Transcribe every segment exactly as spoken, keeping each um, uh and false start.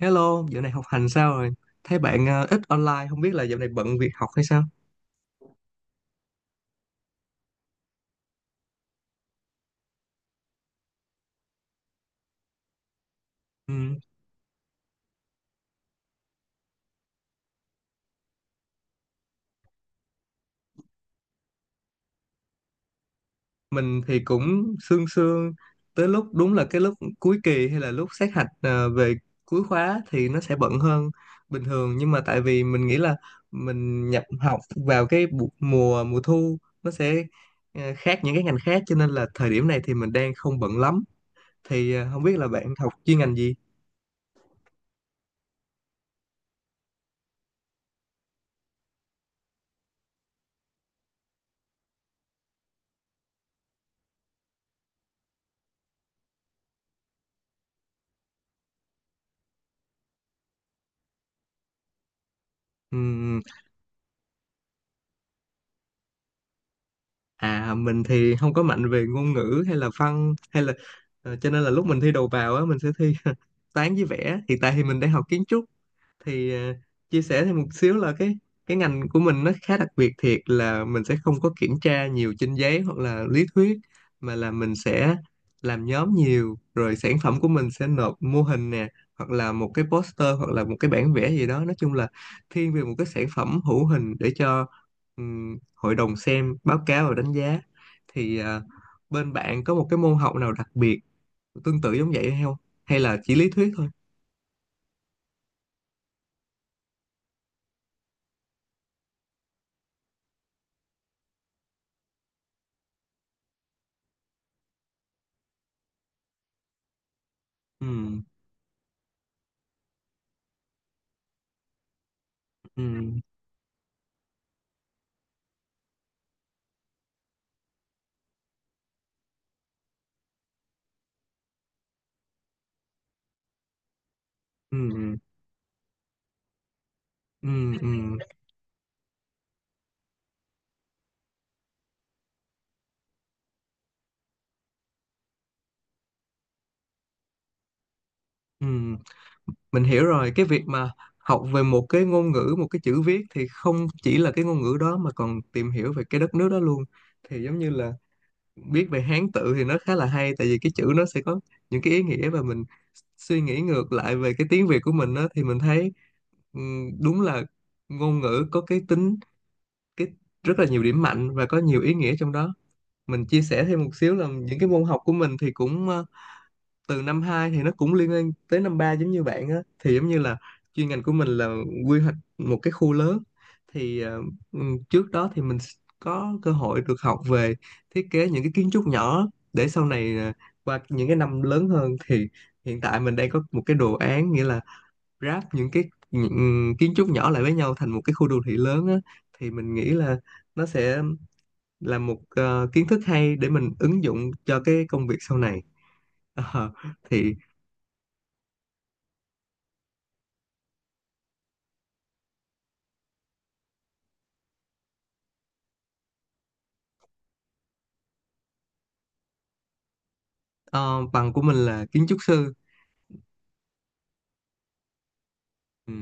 Hello, dạo này học hành sao rồi? Thấy bạn ờ, ít online, không biết là dạo này bận việc học hay sao? Ừ, mình thì cũng sương sương, tới lúc đúng là cái lúc cuối kỳ hay là lúc sát hạch ờ, về cuối khóa thì nó sẽ bận hơn bình thường. Nhưng mà tại vì mình nghĩ là mình nhập học vào cái bu- mùa mùa thu nó sẽ ờ, khác những cái ngành khác, cho nên là thời điểm này thì mình đang không bận lắm. Thì ờ, không biết là bạn học chuyên ngành gì? Ừ, à, mình thì không có mạnh về ngôn ngữ hay là văn hay là ờ, cho nên là lúc mình thi đầu vào á mình sẽ thi toán với vẽ. Hiện tại thì mình đang học kiến trúc, thì à, chia sẻ thêm một xíu là cái cái ngành của mình nó khá đặc biệt, thiệt là mình sẽ không có kiểm tra nhiều trên giấy hoặc là lý thuyết, mà là mình sẽ làm nhóm nhiều rồi sản phẩm của mình sẽ nộp mô hình nè, hoặc là một cái poster hoặc là một cái bản vẽ gì đó, nói chung là thiên về một cái sản phẩm hữu hình để cho ừm, hội đồng xem báo cáo và đánh giá. Thì à, bên bạn có một cái môn học nào đặc biệt tương tự giống vậy hay không, hay là chỉ lý thuyết thôi? Ừ, ừ, ừ. Ừ, ừ, ừ. Mình hiểu rồi. Cái việc mà học về một cái ngôn ngữ, một cái chữ viết thì không chỉ là cái ngôn ngữ đó mà còn tìm hiểu về cái đất nước đó luôn. Thì giống như là biết về Hán tự thì nó khá là hay, tại vì cái chữ nó sẽ có những cái ý nghĩa và mình suy nghĩ ngược lại về cái tiếng Việt của mình đó, thì mình thấy ừ, đúng là ngôn ngữ có cái tính cái rất là nhiều điểm mạnh và có nhiều ý nghĩa trong đó. Mình chia sẻ thêm một xíu là những cái môn học của mình thì cũng từ năm hai thì nó cũng liên quan tới năm ba, giống như bạn á, thì giống như là chuyên ngành của mình là quy hoạch một cái khu lớn, thì ờ, ừm, trước đó thì mình có cơ hội được học về thiết kế những cái kiến trúc nhỏ, để sau này ờ, qua những cái năm lớn hơn thì hiện tại mình đang có một cái đồ án, nghĩa là ráp những cái những kiến trúc nhỏ lại với nhau thành một cái khu đô thị lớn á, thì mình nghĩ là nó sẽ là một ờ, kiến thức hay để mình ứng dụng cho cái công việc sau này. Ờ, thì Ờ, bằng của mình là kiến trúc sư. Ừ.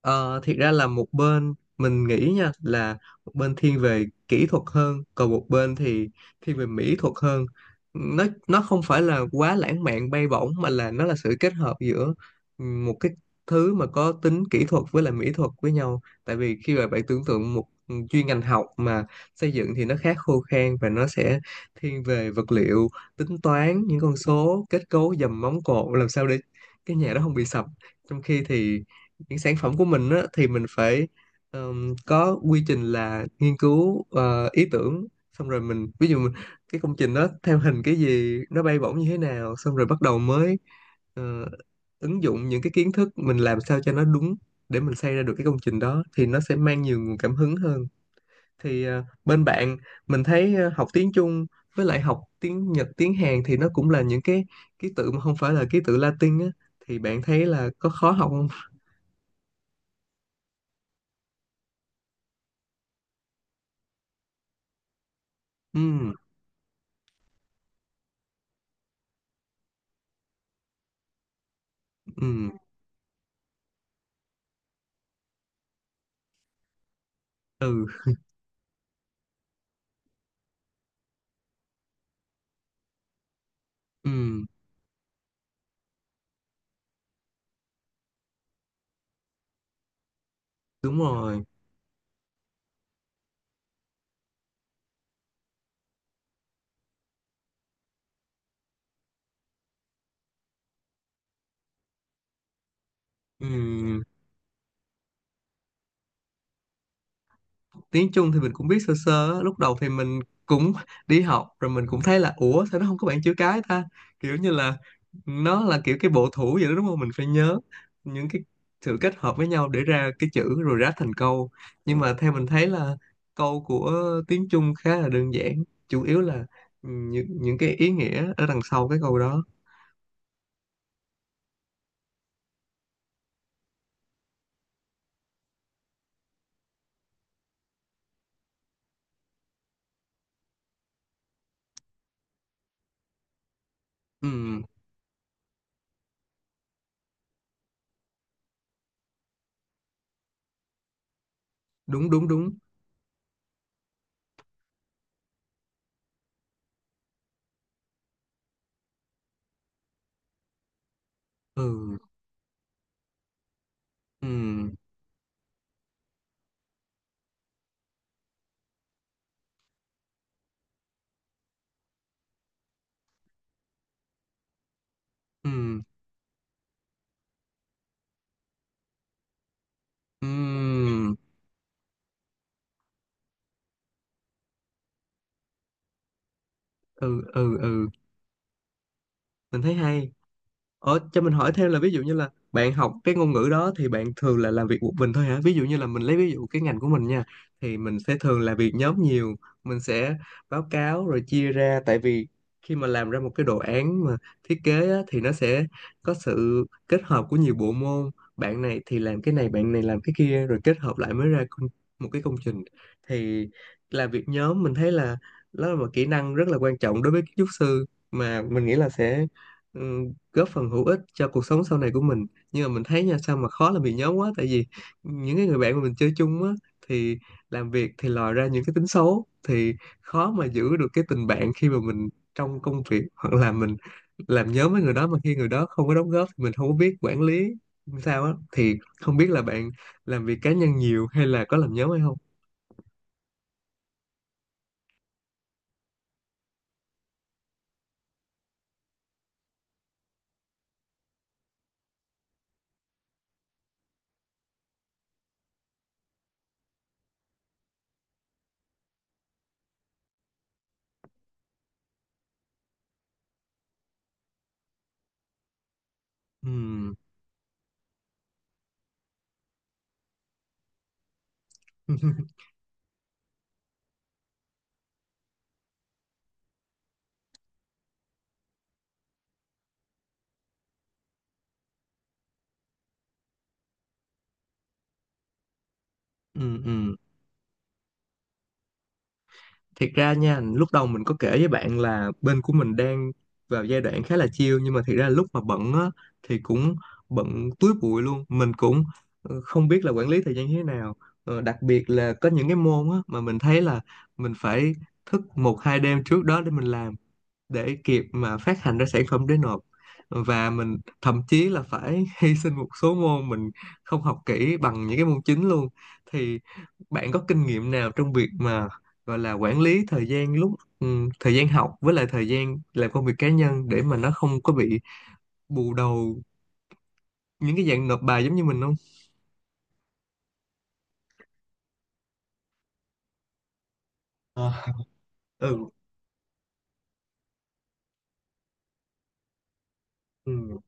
Ờ, thiệt ra là một bên mình nghĩ nha, là một bên thiên về kỹ thuật hơn, còn một bên thì thiên về mỹ thuật hơn. Nó nó không phải là quá lãng mạn bay bổng, mà là nó là sự kết hợp giữa một cái thứ mà có tính kỹ thuật với lại mỹ thuật với nhau, tại vì khi mà bạn tưởng tượng một chuyên ngành học mà xây dựng thì nó khá khô khan và nó sẽ thiên về vật liệu, tính toán những con số kết cấu dầm móng cột làm sao để cái nhà đó không bị sập. Trong khi thì những sản phẩm của mình á, thì mình phải ờm, có quy trình là nghiên cứu ờ, ý tưởng, xong rồi mình ví dụ mình, cái công trình đó theo hình cái gì, nó bay bổng như thế nào, xong rồi bắt đầu mới ờ, ứng dụng những cái kiến thức mình làm sao cho nó đúng, để mình xây ra được cái công trình đó thì nó sẽ mang nhiều nguồn cảm hứng hơn. Thì ờ, bên bạn mình thấy ờ, học tiếng Trung với lại học tiếng Nhật tiếng Hàn thì nó cũng là những cái ký tự mà không phải là ký tự Latin á, thì bạn thấy là có khó học không? Ừ, ừ. Ừ, ừ, đúng rồi, ừ. Tiếng Trung thì mình cũng biết sơ sơ á. Lúc đầu thì mình cũng đi học rồi mình cũng thấy là ủa sao nó không có bảng chữ cái ta, kiểu như là nó là kiểu cái bộ thủ vậy đó, đúng không? Mình phải nhớ những cái sự kết hợp với nhau để ra cái chữ rồi ráp thành câu. Nhưng mà theo mình thấy là câu của tiếng Trung khá là đơn giản, chủ yếu là những những cái ý nghĩa ở đằng sau cái câu đó. Ừ, đúng đúng đúng, ừ, ừ, ừ, ừ, ừ, ừ, ừ. Mình thấy hay. Ờ, cho mình hỏi thêm là ví dụ như là bạn học cái ngôn ngữ đó thì bạn thường là làm việc một mình thôi hả? Ví dụ như là mình lấy ví dụ cái ngành của mình nha, thì mình sẽ thường là việc nhóm nhiều, mình sẽ báo cáo rồi chia ra, tại vì khi mà làm ra một cái đồ án mà thiết kế á, thì nó sẽ có sự kết hợp của nhiều bộ môn, bạn này thì làm cái này, bạn này làm cái kia, rồi kết hợp lại mới ra công- một cái công trình. Thì làm việc nhóm mình thấy là đó là một kỹ năng rất là quan trọng đối với kiến trúc sư, mà mình nghĩ là sẽ ừ, góp phần hữu ích cho cuộc sống sau này của mình. Nhưng mà mình thấy nha sao mà khó làm việc nhóm quá, tại vì những cái người bạn mà mình chơi chung á, thì làm việc thì lòi ra những cái tính xấu, thì khó mà giữ được cái tình bạn khi mà mình trong công việc, hoặc là mình làm nhóm với người đó mà khi người đó không có đóng góp thì mình không có biết quản lý sao á. Thì không biết là bạn làm việc cá nhân nhiều hay là có làm nhóm hay không? Ừ, ừ, ừ. Thiệt ra nha, lúc đầu mình có kể với bạn là bên của mình đang vào giai đoạn khá là chill, nhưng mà thiệt ra lúc mà bận á thì cũng bận túi bụi luôn, mình cũng ờ, không biết là quản lý thời gian như thế nào. Ờ, đặc biệt là có những cái môn á mà mình thấy là mình phải thức một hai đêm trước đó để mình làm, để kịp mà phát hành ra sản phẩm để nộp, và mình thậm chí là phải hy sinh một số môn, mình không học kỹ bằng những cái môn chính luôn. Thì bạn có kinh nghiệm nào trong việc mà gọi là quản lý thời gian lúc ừm, thời gian học với lại thời gian làm công việc cá nhân, để mà nó không có bị bù đầu những cái dạng nộp bài giống như mình không? Ờ, ừ. Ừ.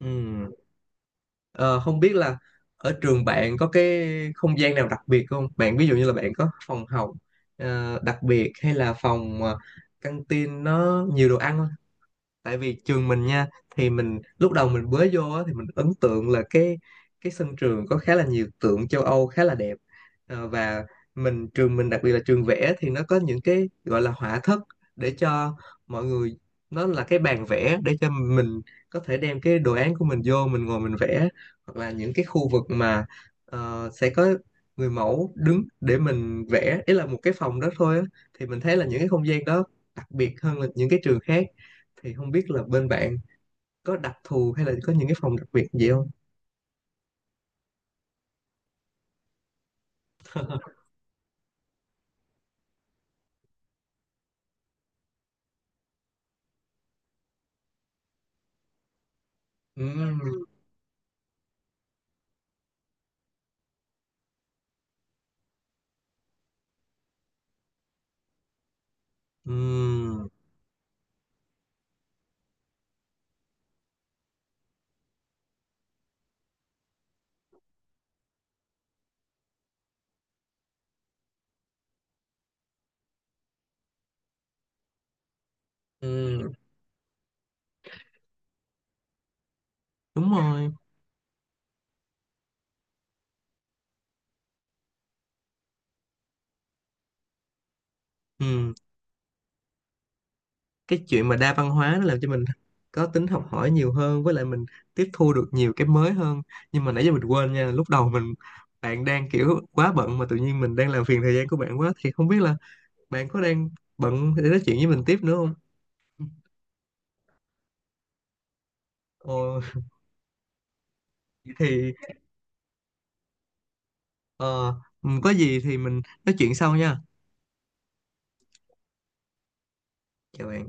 Ừ. Ờ, không biết là ở trường bạn có cái không gian nào đặc biệt không? Bạn ví dụ như là bạn có phòng học ờ, đặc biệt, hay là phòng uh, căng tin nó nhiều đồ ăn không? Tại vì trường mình nha, thì mình lúc đầu mình mới vô á, thì mình ấn tượng là cái cái sân trường có khá là nhiều tượng châu Âu khá là đẹp. Ờ, và mình trường mình đặc biệt là trường vẽ thì nó có những cái gọi là họa thất, để cho mọi người, nó là cái bàn vẽ để cho mình có thể đem cái đồ án của mình vô mình ngồi mình vẽ, hoặc là những cái khu vực mà ờ, sẽ có người mẫu đứng để mình vẽ, ý là một cái phòng đó thôi á, thì mình thấy là những cái không gian đó đặc biệt hơn là những cái trường khác. Thì không biết là bên bạn có đặc thù hay là có những cái phòng đặc biệt gì không? Ừm, ừm, ừm, đúng rồi. Ừm, cái chuyện mà đa văn hóa nó làm cho mình có tính học hỏi nhiều hơn, với lại mình tiếp thu được nhiều cái mới hơn. Nhưng mà nãy giờ mình quên nha, lúc đầu mình, bạn đang kiểu quá bận mà tự nhiên mình đang làm phiền thời gian của bạn quá, thì không biết là bạn có đang bận để nói chuyện với mình tiếp nữa không? Ồ, thì ờ, có gì thì mình nói chuyện sau nha. Chào bạn.